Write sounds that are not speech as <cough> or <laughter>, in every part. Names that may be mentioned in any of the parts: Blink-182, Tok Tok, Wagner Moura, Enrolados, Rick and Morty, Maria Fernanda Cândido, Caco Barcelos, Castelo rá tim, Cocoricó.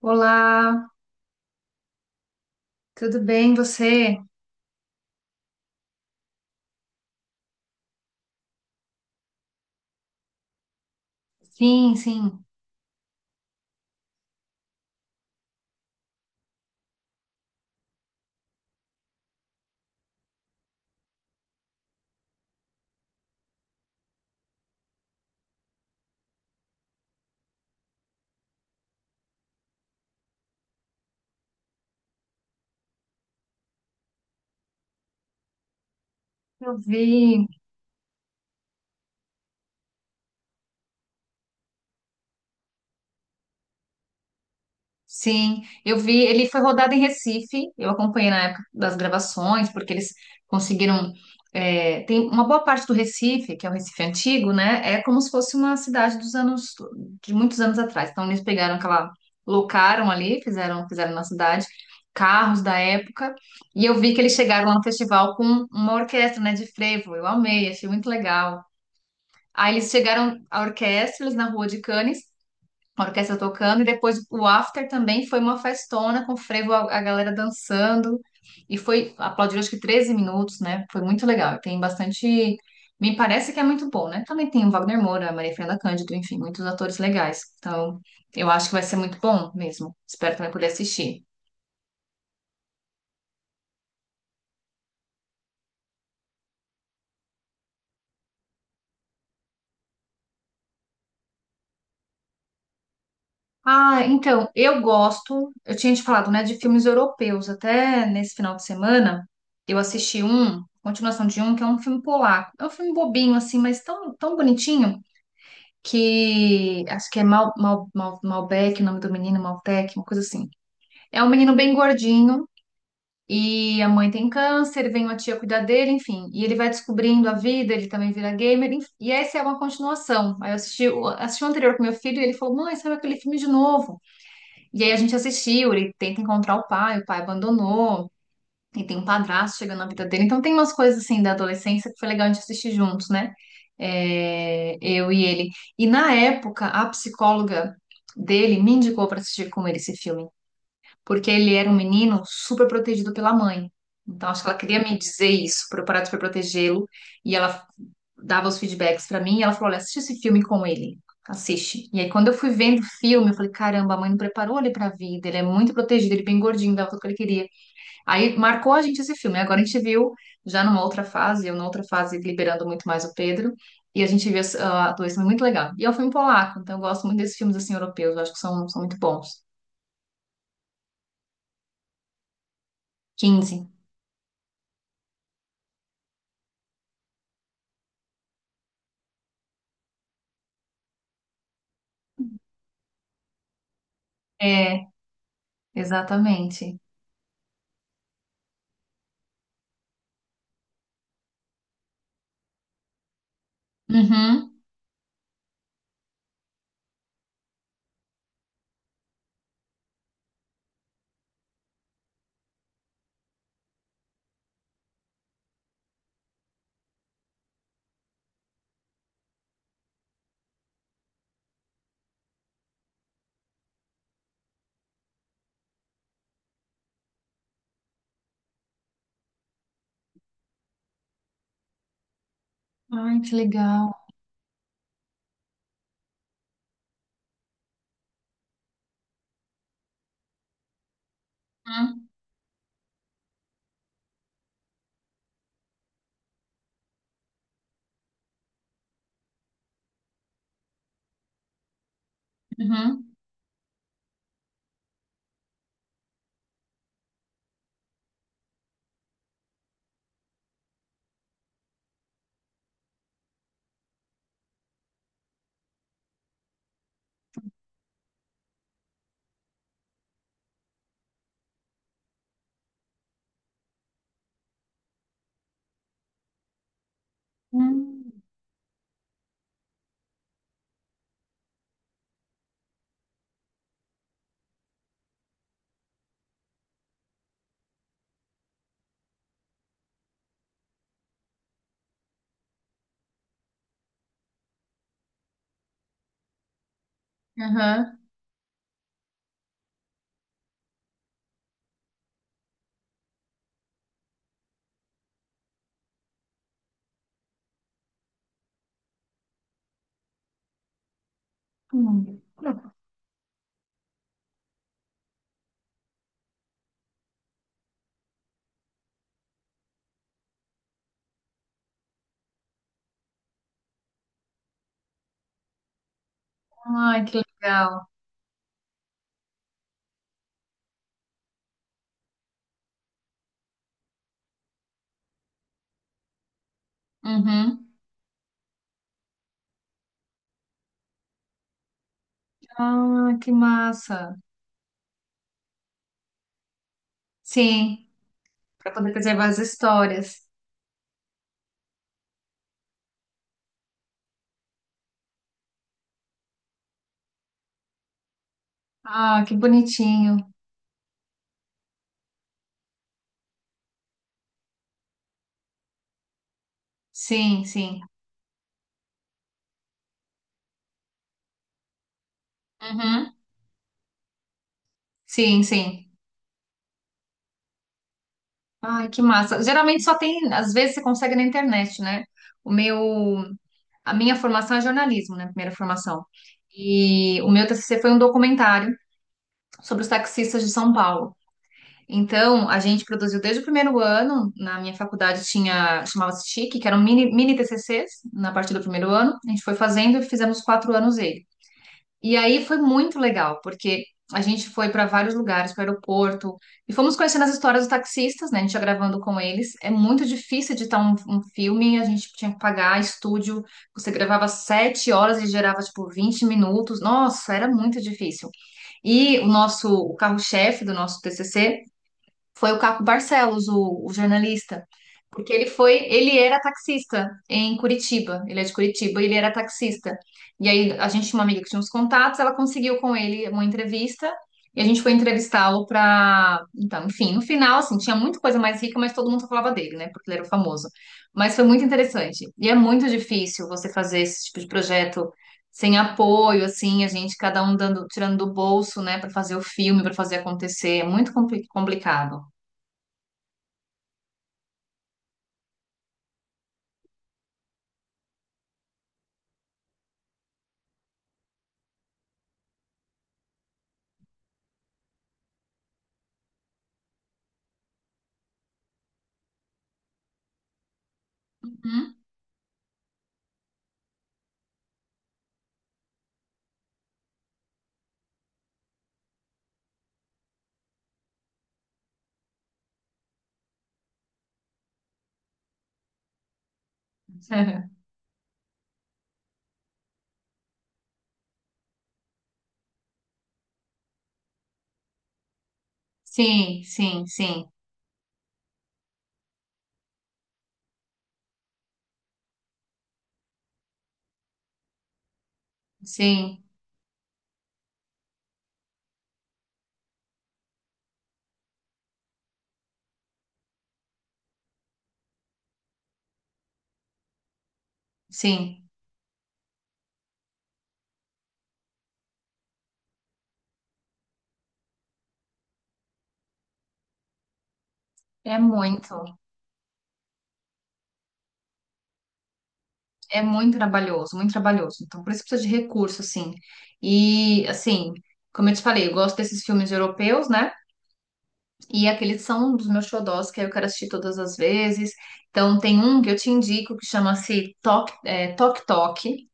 Olá, tudo bem você? Sim, sim, eu vi. Sim, eu vi. Ele foi rodado em Recife. Eu acompanhei na época das gravações, porque eles conseguiram. É, tem uma boa parte do Recife, que é o Recife antigo, né? É como se fosse uma cidade dos anos, de muitos anos atrás. Então eles pegaram aquela, locaram ali, fizeram na cidade carros da época. E eu vi que eles chegaram lá no festival com uma orquestra, né, de frevo. Eu amei, achei muito legal. Aí eles chegaram a orquestra eles na Rua de Cannes, a orquestra tocando, e depois o after também foi uma festona com frevo, a galera dançando. E foi, aplaudiram acho que 13 minutos, né? Foi muito legal. Tem bastante. Me parece que é muito bom, né? Também tem o Wagner Moura, a Maria Fernanda Cândido, enfim, muitos atores legais. Então, eu acho que vai ser muito bom mesmo. Espero também poder assistir. Ah, então, eu gosto, eu tinha te falado, né, de filmes europeus, até nesse final de semana, eu assisti um, continuação de um, que é um filme polaco, é um filme bobinho, assim, mas tão, tão bonitinho, que, acho que é Malbec, o nome do menino, Maltec, uma coisa assim, é um menino bem gordinho, e a mãe tem câncer, vem uma tia cuidar dele, enfim, e ele vai descobrindo a vida, ele também vira gamer, enfim, e essa é uma continuação, aí eu assisti, assisti o anterior com meu filho, e ele falou, mãe, sabe aquele filme de novo? E aí a gente assistiu, ele tenta encontrar o pai abandonou, e tem um padrasto chegando na vida dele. Então tem umas coisas assim da adolescência que foi legal a gente assistir juntos, né? É, eu e ele. E na época, a psicóloga dele me indicou para assistir com ele esse filme, porque ele era um menino super protegido pela mãe. Então acho que ela queria me dizer isso, para eu parar de super protegê-lo. E ela dava os feedbacks pra mim e ela falou: Olha, assiste esse filme com ele. Assiste. E aí, quando eu fui vendo o filme, eu falei: Caramba, a mãe não preparou ele pra vida. Ele é muito protegido, ele é bem gordinho, dava tudo que ele queria. Aí marcou a gente esse filme. Agora a gente viu já numa outra fase, eu numa outra fase liberando muito mais o Pedro. E a gente viu esse- a atuação muito legal. E é um filme polaco, então eu gosto muito desses filmes assim europeus, eu acho que são muito bons. 15. É, exatamente. Uhum. Ai, que legal. Uhum. Uhum. Uhum. Uhum. Ai, que legal. Uhum. Ah, que massa. Sim, para poder preservar as histórias. Ah, que bonitinho. Sim, sim. Uhum. Sim, sim. Ai, que massa. Geralmente só tem, às vezes você consegue na internet, né? O meu, a minha formação é jornalismo, né? Primeira formação. E o meu TCC foi um documentário sobre os taxistas de São Paulo. Então, a gente produziu desde o primeiro ano, na minha faculdade tinha, chamava-se TIC, que eram mini TCCs, na parte do primeiro ano, a gente foi fazendo e fizemos 4 anos ele. E aí foi muito legal, porque a gente foi para vários lugares, para o aeroporto, e fomos conhecendo as histórias dos taxistas, né, a gente ia gravando com eles, é muito difícil editar um filme, a gente tinha que pagar estúdio, você gravava 7 horas e gerava, tipo, 20 minutos, nossa, era muito difícil. E o nosso, o carro-chefe do nosso TCC foi o Caco Barcelos, o jornalista, porque ele foi, ele era taxista em Curitiba, ele é de Curitiba, e ele era taxista. E aí a gente tinha uma amiga que tinha uns contatos, ela conseguiu com ele uma entrevista e a gente foi entrevistá-lo para, então, enfim, no final assim, tinha muita coisa mais rica, mas todo mundo só falava dele, né? Porque ele era famoso. Mas foi muito interessante. E é muito difícil você fazer esse tipo de projeto sem apoio, assim, a gente cada um dando, tirando do bolso, né, para fazer o filme, para fazer acontecer, é muito complicado. Hum? <laughs> Sim, sim, sim, sim, sim. É muito, é muito trabalhoso, muito trabalhoso. Então, por isso precisa de recurso, assim. E, assim, como eu te falei, eu gosto desses filmes europeus, né? E aqueles são um dos meus xodós, que aí eu quero assistir todas as vezes. Então, tem um que eu te indico que chama-se Tok, é, Tok Tok.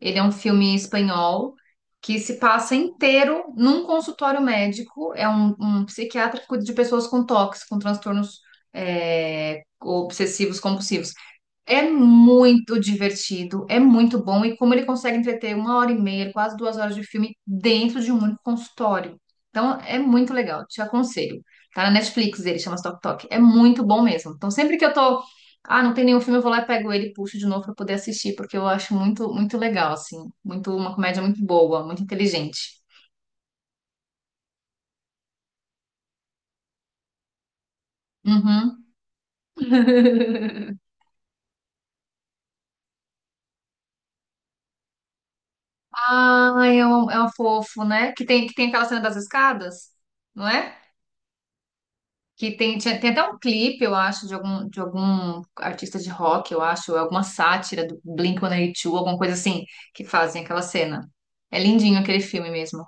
Ele é um filme espanhol que se passa inteiro num consultório médico. É um psiquiatra que cuida de pessoas com toques, com transtornos é, obsessivos compulsivos. É muito divertido, é muito bom, e como ele consegue entreter uma hora e meia, quase 2 horas de filme dentro de um único consultório. Então é muito legal, te aconselho. Tá na Netflix dele, chama Tok Tok. É muito bom mesmo. Então sempre que eu tô, ah, não tem nenhum filme, eu vou lá e pego ele e puxo de novo pra poder assistir, porque eu acho muito, muito legal, assim. Muito, uma comédia muito boa, muito inteligente. Uhum. <laughs> Ai, é um fofo, né? Que tem aquela cena das escadas, não é? Tem até um clipe, eu acho, de algum artista de rock, eu acho, ou alguma sátira do Blink-182, alguma coisa assim, que fazem aquela cena. É lindinho aquele filme mesmo.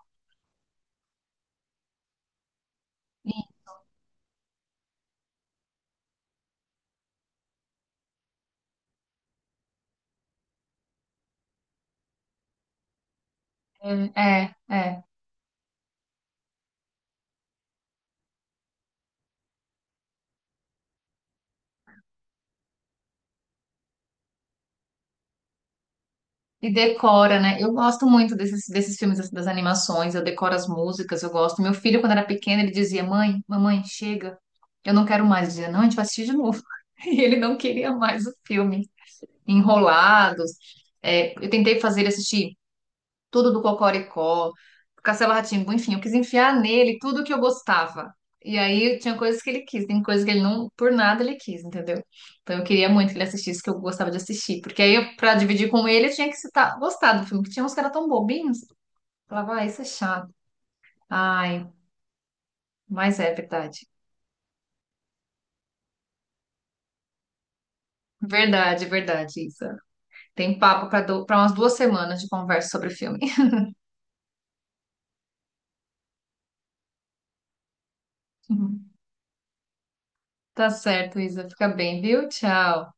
É, é. É. E decora, né? Eu gosto muito desses, desses filmes, das animações, eu decoro as músicas, eu gosto. Meu filho, quando era pequeno, ele dizia: Mãe, mamãe, chega, eu não quero mais. Eu dizia: Não, a gente vai assistir de novo. <laughs> E ele não queria mais o filme. Enrolados. É, eu tentei fazer ele assistir. Tudo do Cocoricó, Castelo Rá Tim, enfim, eu quis enfiar nele tudo que eu gostava. E aí tinha coisas que ele quis, tem coisas que ele não, por nada ele quis, entendeu? Então eu queria muito que ele assistisse o que eu gostava de assistir, porque aí eu, pra dividir com ele eu tinha que citar, gostar do filme, que tinha uns caras tão bobinhos, eu falava, ah, isso é chato. Ai, mas é verdade. Verdade, verdade, Isa. Tem papo pra pra umas duas semanas de conversa sobre o filme. <laughs> Tá certo, Isa. Fica bem, viu? Tchau.